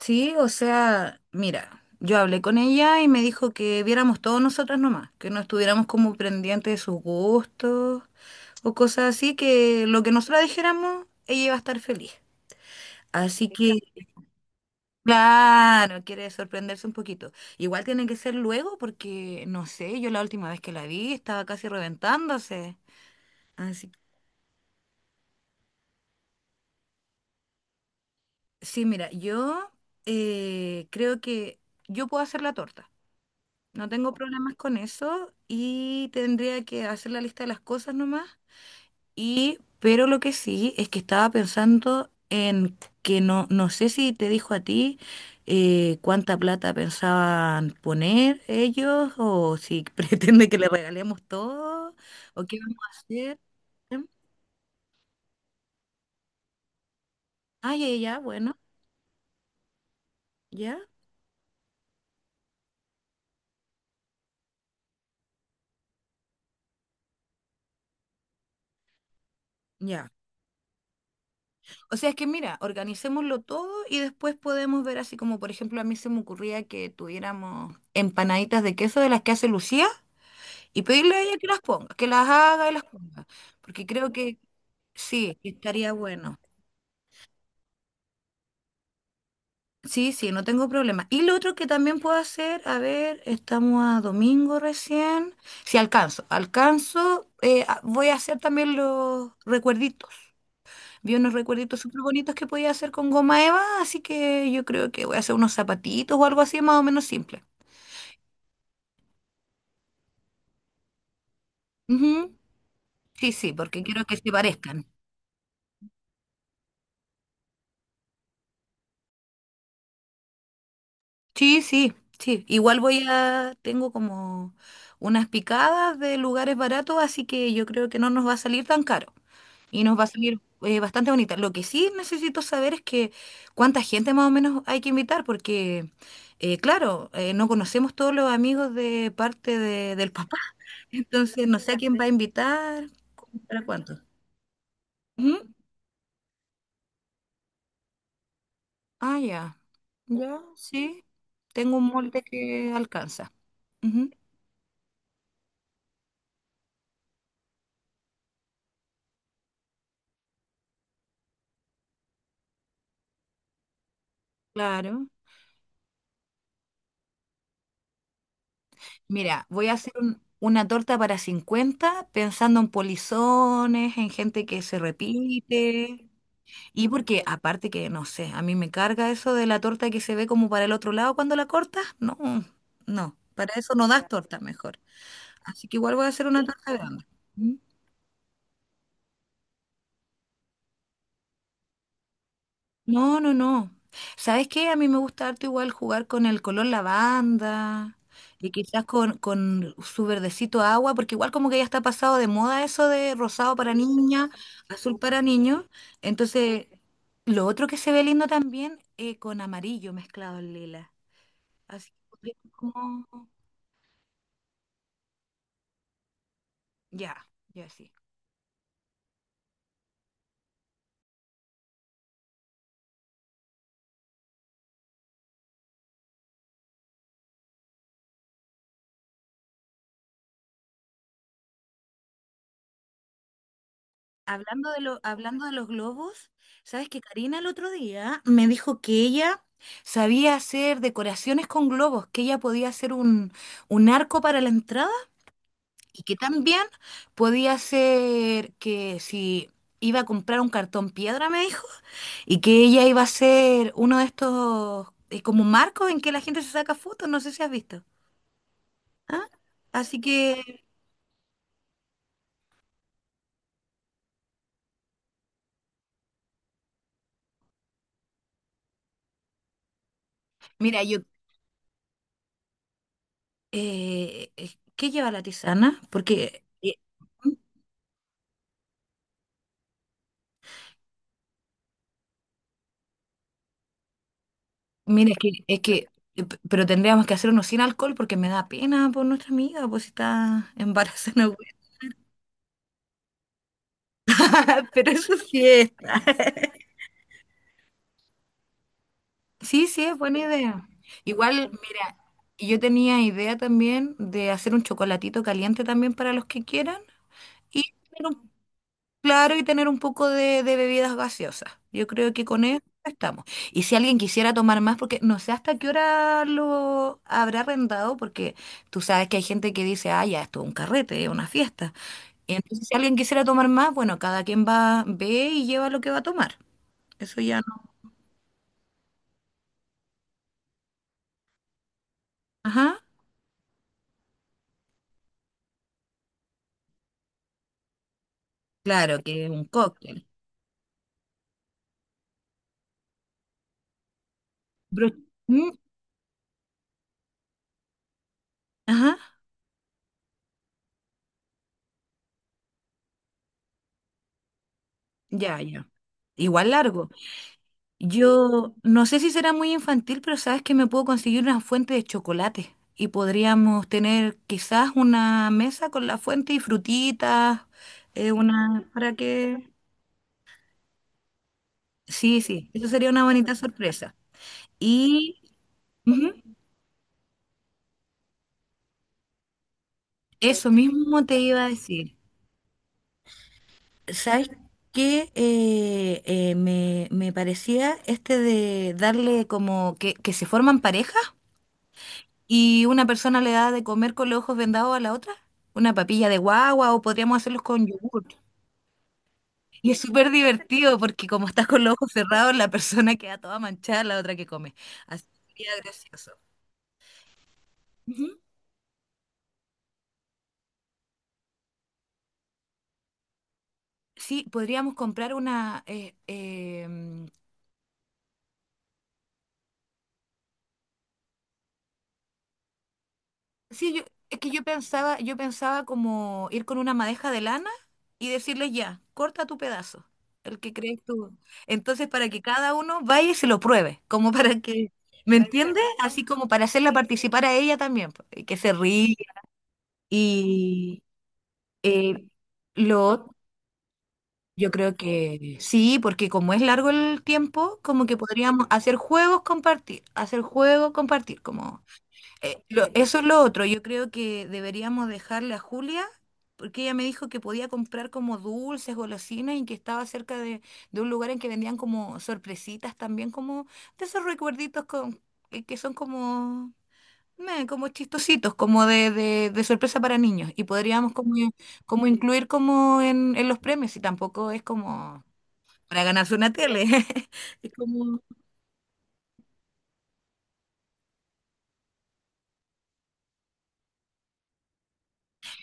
Sí, o sea, mira, yo hablé con ella y me dijo que viéramos todos nosotras nomás, que no estuviéramos como pendientes de sus gustos o cosas así, que lo que nosotras dijéramos, ella iba a estar feliz. Así que, claro, quiere sorprenderse un poquito. Igual tiene que ser luego porque, no sé, yo la última vez que la vi estaba casi reventándose. Así que, sí, mira, yo creo que yo puedo hacer la torta. No tengo problemas con eso y tendría que hacer la lista de las cosas nomás. Y, pero lo que sí es que estaba pensando en que no, no sé si te dijo a ti cuánta plata pensaban poner ellos o si pretende que le regalemos todo o qué vamos a hacer. Ah, ya, ya, ya, bueno, ya, ya. O sea, es que mira, organicémoslo todo y después podemos ver así como, por ejemplo, a mí se me ocurría que tuviéramos empanaditas de queso de las que hace Lucía y pedirle a ella que las ponga, que las haga y las ponga, porque creo que sí, que estaría bueno. Sí, sí, no tengo problema. Y lo otro que también puedo hacer, a ver, estamos a domingo recién. Si alcanzo, alcanzo, voy a hacer también los recuerditos. Vi unos recuerditos súper bonitos que podía hacer con goma eva, así que yo creo que voy a hacer unos zapatitos o algo así más o menos simple. Ujú. Sí, sí, porque quiero que se parezcan. Sí, sí, sí. Igual tengo como unas picadas de lugares baratos, así que yo creo que no nos va a salir tan caro y nos va a salir bastante bonita. Lo que sí necesito saber es que cuánta gente más o menos hay que invitar, porque claro, no conocemos todos los amigos del papá. Entonces, no sé a quién va a invitar, para cuánto. Ujú. Ah, ya. Ya, sí. Tengo un molde que alcanza. Ujú. Claro. Mira, voy a hacer una torta para 50 pensando en polizones, en gente que se repite. Y porque aparte que, no sé, a mí me carga eso de la torta que se ve como para el otro lado cuando la cortas. No, no. Para eso no das torta mejor. Así que igual voy a hacer una torta grande. No, no, no. ¿Sabes qué? A mí me gusta harto igual jugar con el color lavanda y quizás con su verdecito agua, porque igual como que ya está pasado de moda eso de rosado para niña, azul para niños. Entonces, lo otro que se ve lindo también con amarillo mezclado en lila. Así que podría ser como... Ya, ya sí. Hablando de los globos, ¿sabes que Karina el otro día me dijo que ella sabía hacer decoraciones con globos, que ella podía hacer un arco para la entrada y que también podía hacer que si iba a comprar un cartón piedra, me dijo, y que ella iba a hacer uno de estos como marcos en que la gente se saca fotos, no sé si has visto. ¿Ah? Así que, mira, yo, ¿qué lleva la tisana? Porque... mira, es que, pero tendríamos que hacer uno sin alcohol porque me da pena por nuestra amiga, pues si está embarazada, weá. Pero eso sí está. Sí, sí, es buena idea. Igual, mira, yo tenía idea también de hacer un chocolatito caliente también para los que quieran. Y claro, y tener un poco de bebidas gaseosas. Yo creo que con eso estamos. Y si alguien quisiera tomar más, porque no sé hasta qué hora lo habrá arrendado, porque tú sabes que hay gente que dice, ah, ya, esto es un carrete, es una fiesta. Y entonces, si alguien quisiera tomar más, bueno, cada quien va, ve y lleva lo que va a tomar. Eso ya no. Ajá. Claro, que es un cóctel. Bro- mm, Ajá. Ya, ya. Igual largo. Yo no sé si será muy infantil, pero sabes que me puedo conseguir una fuente de chocolate y podríamos tener quizás una mesa con la fuente y frutitas, una para que... Sí, sí, eso sería una bonita sorpresa. Y ujú, eso mismo te iba a decir. ¿Sabes qué? Me parecía este de darle como que se forman parejas y una persona le da de comer con los ojos vendados a la otra, una papilla de guagua o podríamos hacerlos con yogur. Y es súper divertido porque como estás con los ojos cerrados, la persona queda toda manchada, la otra que come. Así que sería gracioso. Ujú. Sí, podríamos comprar una, sí, yo, es que yo pensaba como ir con una madeja de lana y decirles ya, corta tu pedazo, el que crees tú. Entonces, para que cada uno vaya y se lo pruebe, como para que, ¿me entiendes? Así como para hacerla participar a ella también, po, y que se ríe. Y eh, lo, yo creo que sí, porque como es largo el tiempo, como que podríamos hacer juegos, compartir, como eso es lo otro. Yo creo que deberíamos dejarle a Julia, porque ella me dijo que podía comprar como dulces, golosinas y que estaba cerca de un lugar en que vendían como sorpresitas también, como de esos recuerditos con, que son como, meh, como chistositos, como de sorpresa para niños. Y podríamos como, como incluir como en los premios, y tampoco es como para ganarse una tele. Es como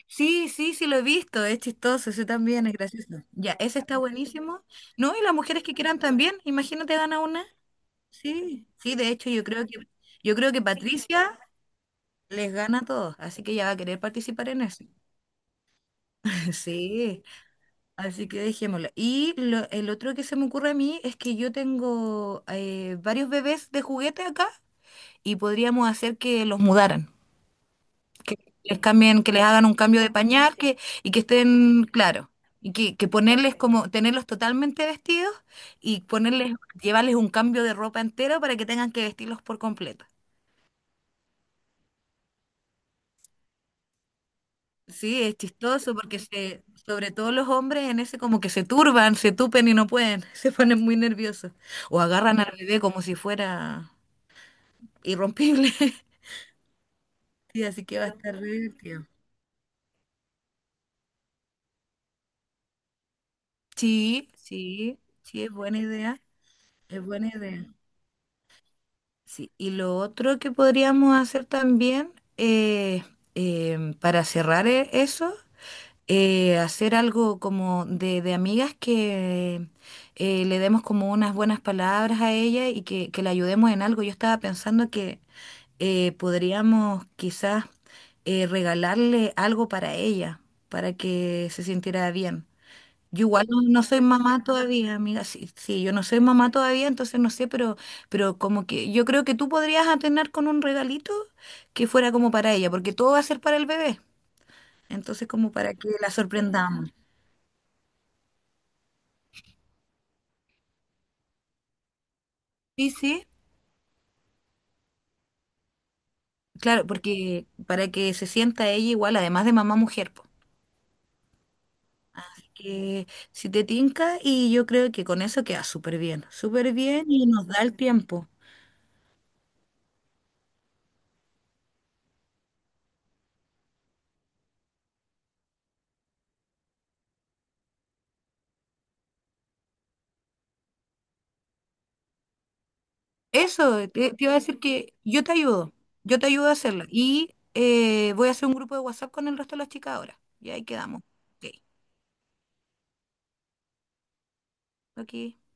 sí, sí, sí lo he visto, es chistoso, ese también es gracioso. Ya, ese está buenísimo. No, y las mujeres que quieran también, imagínate gana una. Sí, sí, de hecho yo creo que Patricia les gana a todos, así que ella va a querer participar en eso. Sí, así que dejémoslo. Y el otro que se me ocurre a mí es que yo tengo varios bebés de juguete acá y podríamos hacer que los mudaran. Que les cambien, que les hagan un cambio de pañal que, y que estén claro. Y que ponerles como, tenerlos totalmente vestidos y ponerles, llevarles un cambio de ropa entero para que tengan que vestirlos por completo. Sí, es chistoso porque se, sobre todo los hombres en ese como que se turban, se tupen y no pueden, se ponen muy nerviosos. O agarran al bebé como si fuera irrompible. Sí, así que va a estar re divertido. Sí, sí, sí, es buena idea, es buena idea. Sí, y lo otro que podríamos hacer también, para cerrar eso, hacer algo como de amigas que le demos como unas buenas palabras a ella y que la ayudemos en algo. Yo estaba pensando que podríamos quizás regalarle algo para ella, para que se sintiera bien. Yo igual no, no soy mamá todavía, amiga. Sí, sí, yo no soy mamá todavía, entonces no sé, pero como que yo creo que tú podrías atener con un regalito que fuera como para ella, porque todo va a ser para el bebé. Entonces, como para que la sorprendamos. Sí, sí, claro, porque para que se sienta ella igual, además de mamá mujer, po. Que si te tinca, y yo creo que con eso queda súper bien y nos da el tiempo. Eso, te iba a decir que yo te ayudo a hacerlo. Y voy a hacer un grupo de WhatsApp con el resto de las chicas ahora. Y ahí quedamos. Ok, ok.